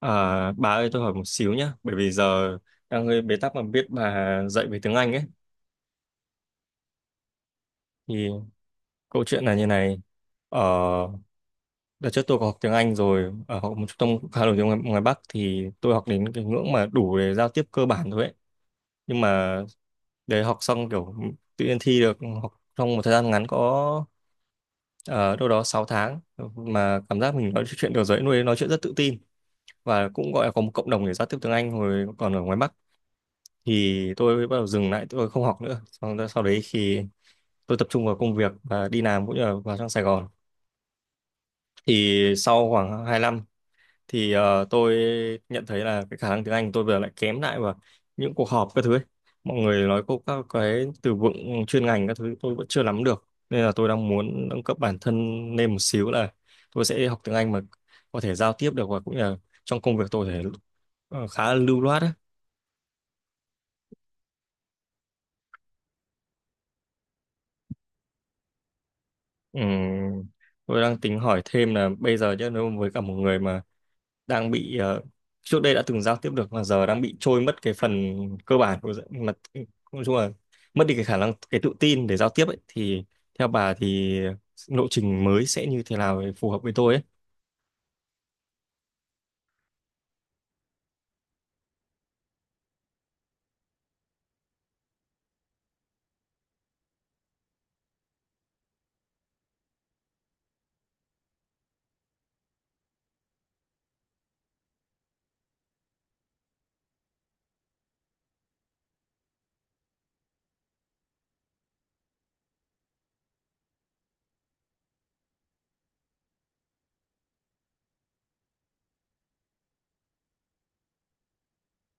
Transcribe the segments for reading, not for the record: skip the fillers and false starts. À, bà ơi tôi hỏi một xíu nhé, bởi vì giờ đang hơi bế tắc mà biết bà dạy về tiếng Anh ấy. Thì câu chuyện là như này. ở Đợt trước tôi có học tiếng Anh rồi, ở học một trung tâm cũng khá nổi tiếng ngoài Bắc, thì tôi học đến cái ngưỡng mà đủ để giao tiếp cơ bản thôi ấy. Nhưng mà để học xong kiểu tự nhiên thi được học trong một thời gian ngắn có ờ, đâu đó 6 tháng, mà cảm giác mình nói chuyện được rồi, nuôi nói chuyện rất tự tin, và cũng gọi là có một cộng đồng để giao tiếp tiếng Anh hồi còn ở ngoài Bắc. Thì tôi bắt đầu dừng lại, tôi không học nữa, xong đó, sau đấy thì tôi tập trung vào công việc và đi làm, cũng như là vào trong Sài Gòn. Thì sau khoảng 2 năm thì tôi nhận thấy là cái khả năng tiếng Anh tôi bây giờ lại kém lại, và những cuộc họp các thứ ấy. Mọi người nói cô các cái từ vựng chuyên ngành các thứ tôi vẫn chưa nắm được, nên là tôi đang muốn nâng cấp bản thân lên một xíu, là tôi sẽ học tiếng Anh mà có thể giao tiếp được, và cũng như là trong công việc tôi có thể khá là lưu loát ấy. Ừ. Tôi đang tính hỏi thêm là bây giờ chứ, nếu với cả một người mà đang bị trước đây đã từng giao tiếp được mà giờ đang bị trôi mất cái phần cơ bản của mà nói chung là mất đi cái khả năng, cái tự tin để giao tiếp ấy, thì theo bà thì lộ trình mới sẽ như thế nào để phù hợp với tôi ấy.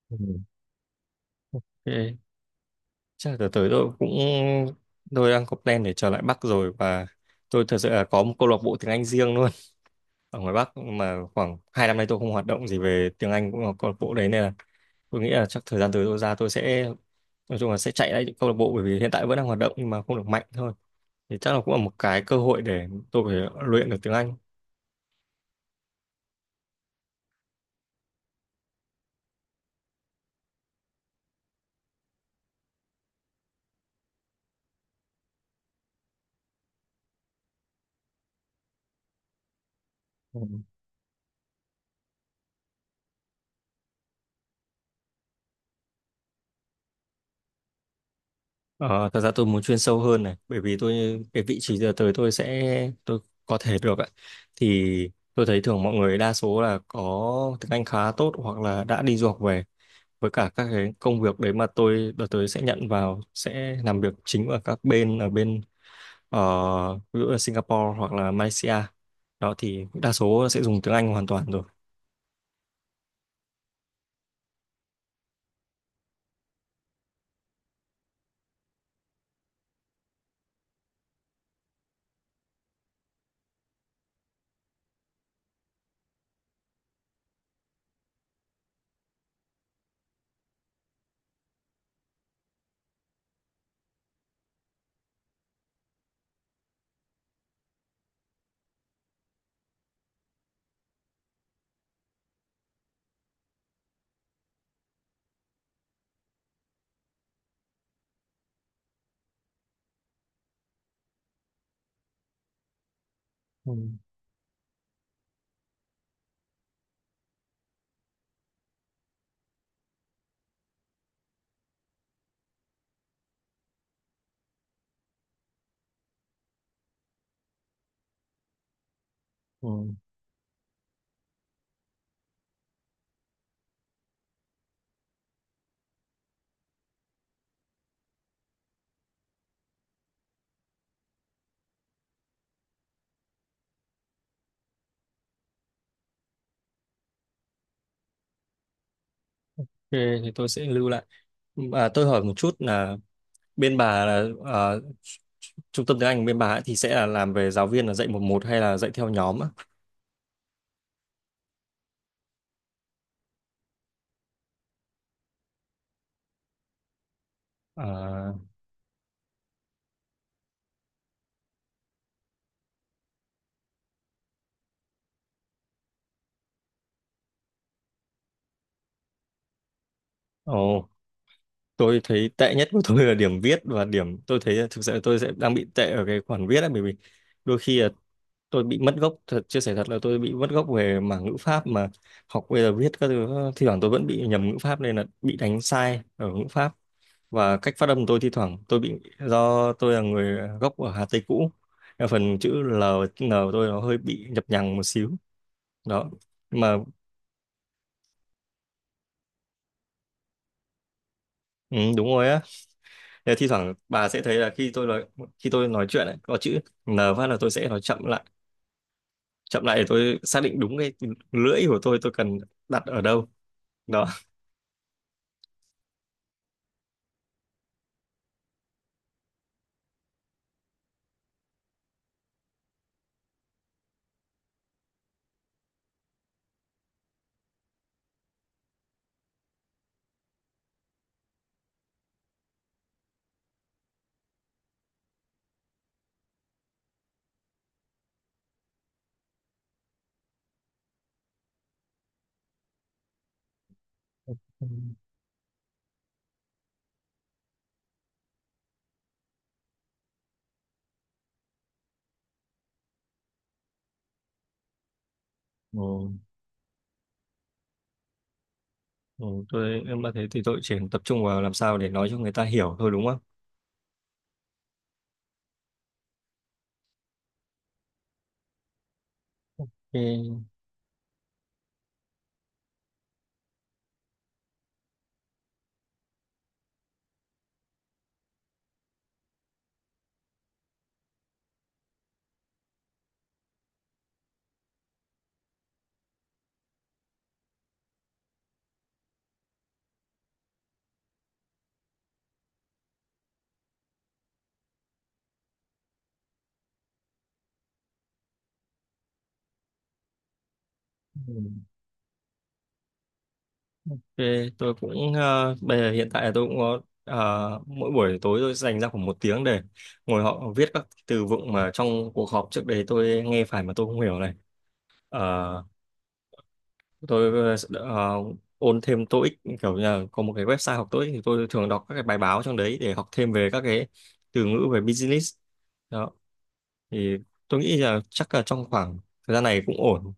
Ừ. Ok. Chắc là tới tới tôi cũng tôi đang có plan để trở lại Bắc rồi, và tôi thật sự là có một câu lạc bộ tiếng Anh riêng luôn ở ngoài Bắc, mà khoảng hai năm nay tôi không hoạt động gì về tiếng Anh cũng là câu lạc bộ đấy, nên là tôi nghĩ là chắc thời gian tới tôi ra tôi sẽ nói chung là sẽ chạy lại những câu lạc bộ, bởi vì hiện tại vẫn đang hoạt động nhưng mà không được mạnh thôi. Thì chắc là cũng là một cái cơ hội để tôi có thể luyện được tiếng Anh. Ừ. Ờ, thật ra tôi muốn chuyên sâu hơn này, bởi vì tôi cái vị trí giờ tới tôi sẽ tôi có thể được ạ. Thì tôi thấy thường mọi người đa số là có tiếng Anh khá tốt hoặc là đã đi du học về, với cả các cái công việc đấy mà tôi đợt tới sẽ nhận vào sẽ làm việc chính ở các bên, ở bên ví dụ là Singapore hoặc là Malaysia. Đó thì đa số sẽ dùng tiếng Anh hoàn toàn rồi. Ừ. Ừ. Ok, thì tôi sẽ lưu lại. À, tôi hỏi một chút là bên bà là trung tâm tiếng Anh bên bà ấy thì sẽ là làm về giáo viên là dạy một một hay là dạy theo nhóm á? À, ồ, tôi thấy tệ nhất của tôi là điểm viết, và điểm tôi thấy thực sự là tôi sẽ đang bị tệ ở cái khoản viết ấy, bởi vì đôi khi là tôi bị mất gốc thật, chia sẻ thật là tôi bị mất gốc về mảng ngữ pháp, mà học bây giờ viết các thứ thi thoảng tôi vẫn bị nhầm ngữ pháp nên là bị đánh sai ở ngữ pháp. Và cách phát âm tôi thi thoảng tôi bị do tôi là người gốc ở Hà Tây cũ, nên phần chữ L và N của tôi nó hơi bị nhập nhằng một xíu. Đó. Nhưng mà ừ, đúng rồi á. Thế thi thoảng bà sẽ thấy là khi tôi nói, khi tôi nói chuyện ấy, có chữ N phát là tôi sẽ nói chậm lại, chậm lại để tôi xác định đúng cái lưỡi của tôi cần đặt ở đâu. Đó. Ừ. Ừ, tôi em mà thế thì tôi chỉ tập trung vào làm sao để nói cho người ta hiểu thôi đúng không? Thì, ừ, thì tôi cũng bây giờ hiện tại tôi cũng có mỗi buổi tối tôi dành ra khoảng một tiếng để ngồi họ viết các từ vựng mà trong cuộc họp trước đấy tôi nghe phải mà tôi không hiểu này. Ờ, tôi ôn thêm TOEIC kiểu như là có một cái website học TOEIC, thì tôi thường đọc các cái bài báo trong đấy để học thêm về các cái từ ngữ về business. Đó. Thì tôi nghĩ là chắc là trong khoảng thời gian này cũng ổn.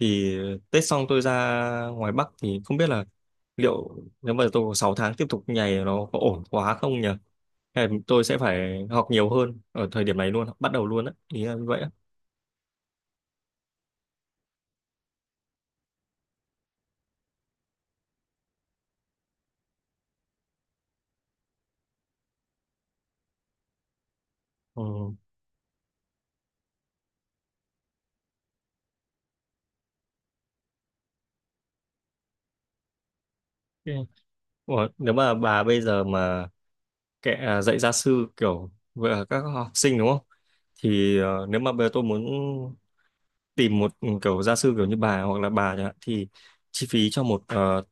Thì Tết xong tôi ra ngoài Bắc thì không biết là liệu nếu mà tôi có 6 tháng tiếp tục nhảy nó có ổn quá không nhỉ, hay là tôi sẽ phải học nhiều hơn ở thời điểm này luôn, bắt đầu luôn á, ý là như vậy á. Ừ. Ok. Ủa, nếu mà bà bây giờ mà kệ à, dạy gia sư kiểu về các học sinh đúng không, thì nếu mà bây giờ tôi muốn tìm một ừ, kiểu gia sư kiểu như bà hoặc là bà chẳng hạn, thì chi phí cho một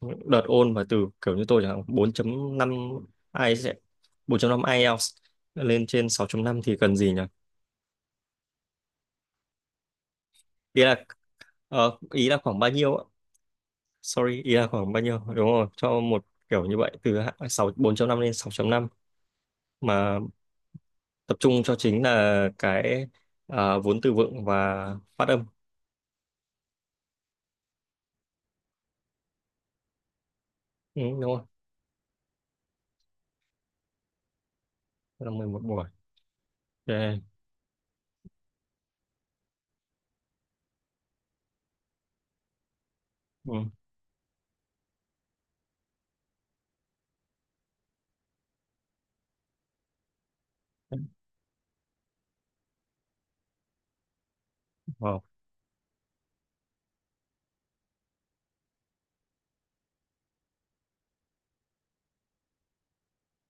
những đợt ôn mà từ kiểu như tôi chẳng hạn bốn chấm năm ai sẽ 4.5 IELTS lên trên sáu chấm năm thì cần gì nhỉ? Ý là ý là khoảng bao nhiêu ạ? Sorry, ý là khoảng bao nhiêu? Đúng rồi, cho một kiểu như vậy từ sáu bốn chấm năm lên sáu chấm năm, mà tập trung cho chính là cái à, vốn từ vựng và phát âm. Ừ, đúng rồi, là 11 buổi. Ok. Ừ. Wow.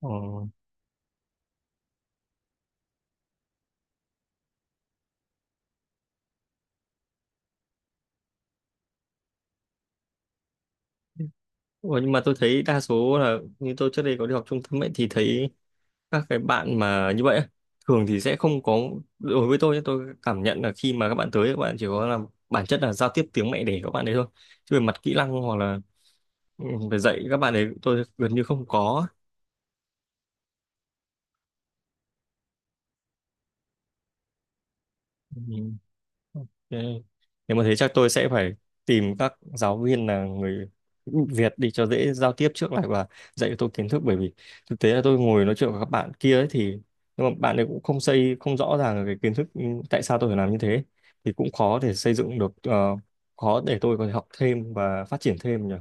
Ờ. Ủa, nhưng mà tôi thấy đa số là như tôi trước đây có đi học trung tâm ấy thì thấy các cái bạn mà như vậy á, thường thì sẽ không có, đối với tôi nhé, tôi cảm nhận là khi mà các bạn tới các bạn chỉ có làm bản chất là giao tiếp tiếng mẹ đẻ của các bạn đấy thôi, chứ về mặt kỹ năng hoặc là ừ, về dạy các bạn ấy tôi gần như không có. Ừ. Ok. Nếu mà thế chắc tôi sẽ phải tìm các giáo viên là người Việt đi cho dễ giao tiếp trước lại, và dạy cho tôi kiến thức, bởi vì thực tế là tôi ngồi nói chuyện với các bạn kia ấy thì nhưng mà bạn ấy cũng không xây, không rõ ràng là cái kiến thức, ừ, tại sao tôi phải làm như thế, thì cũng khó để xây dựng được khó để tôi có thể học thêm và phát triển thêm nhỉ.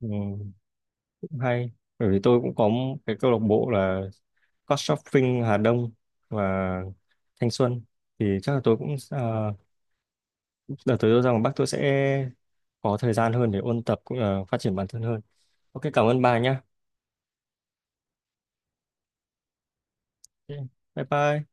Ừ, cũng hay, bởi vì tôi cũng có một cái câu lạc bộ là Couchsurfing Hà Đông và Thanh Xuân. Thì chắc là tôi cũng đợt tới tôi rằng bác tôi sẽ có thời gian hơn để ôn tập cũng là phát triển bản thân hơn. Ok, cảm ơn bà nhá. Ok, bye bye.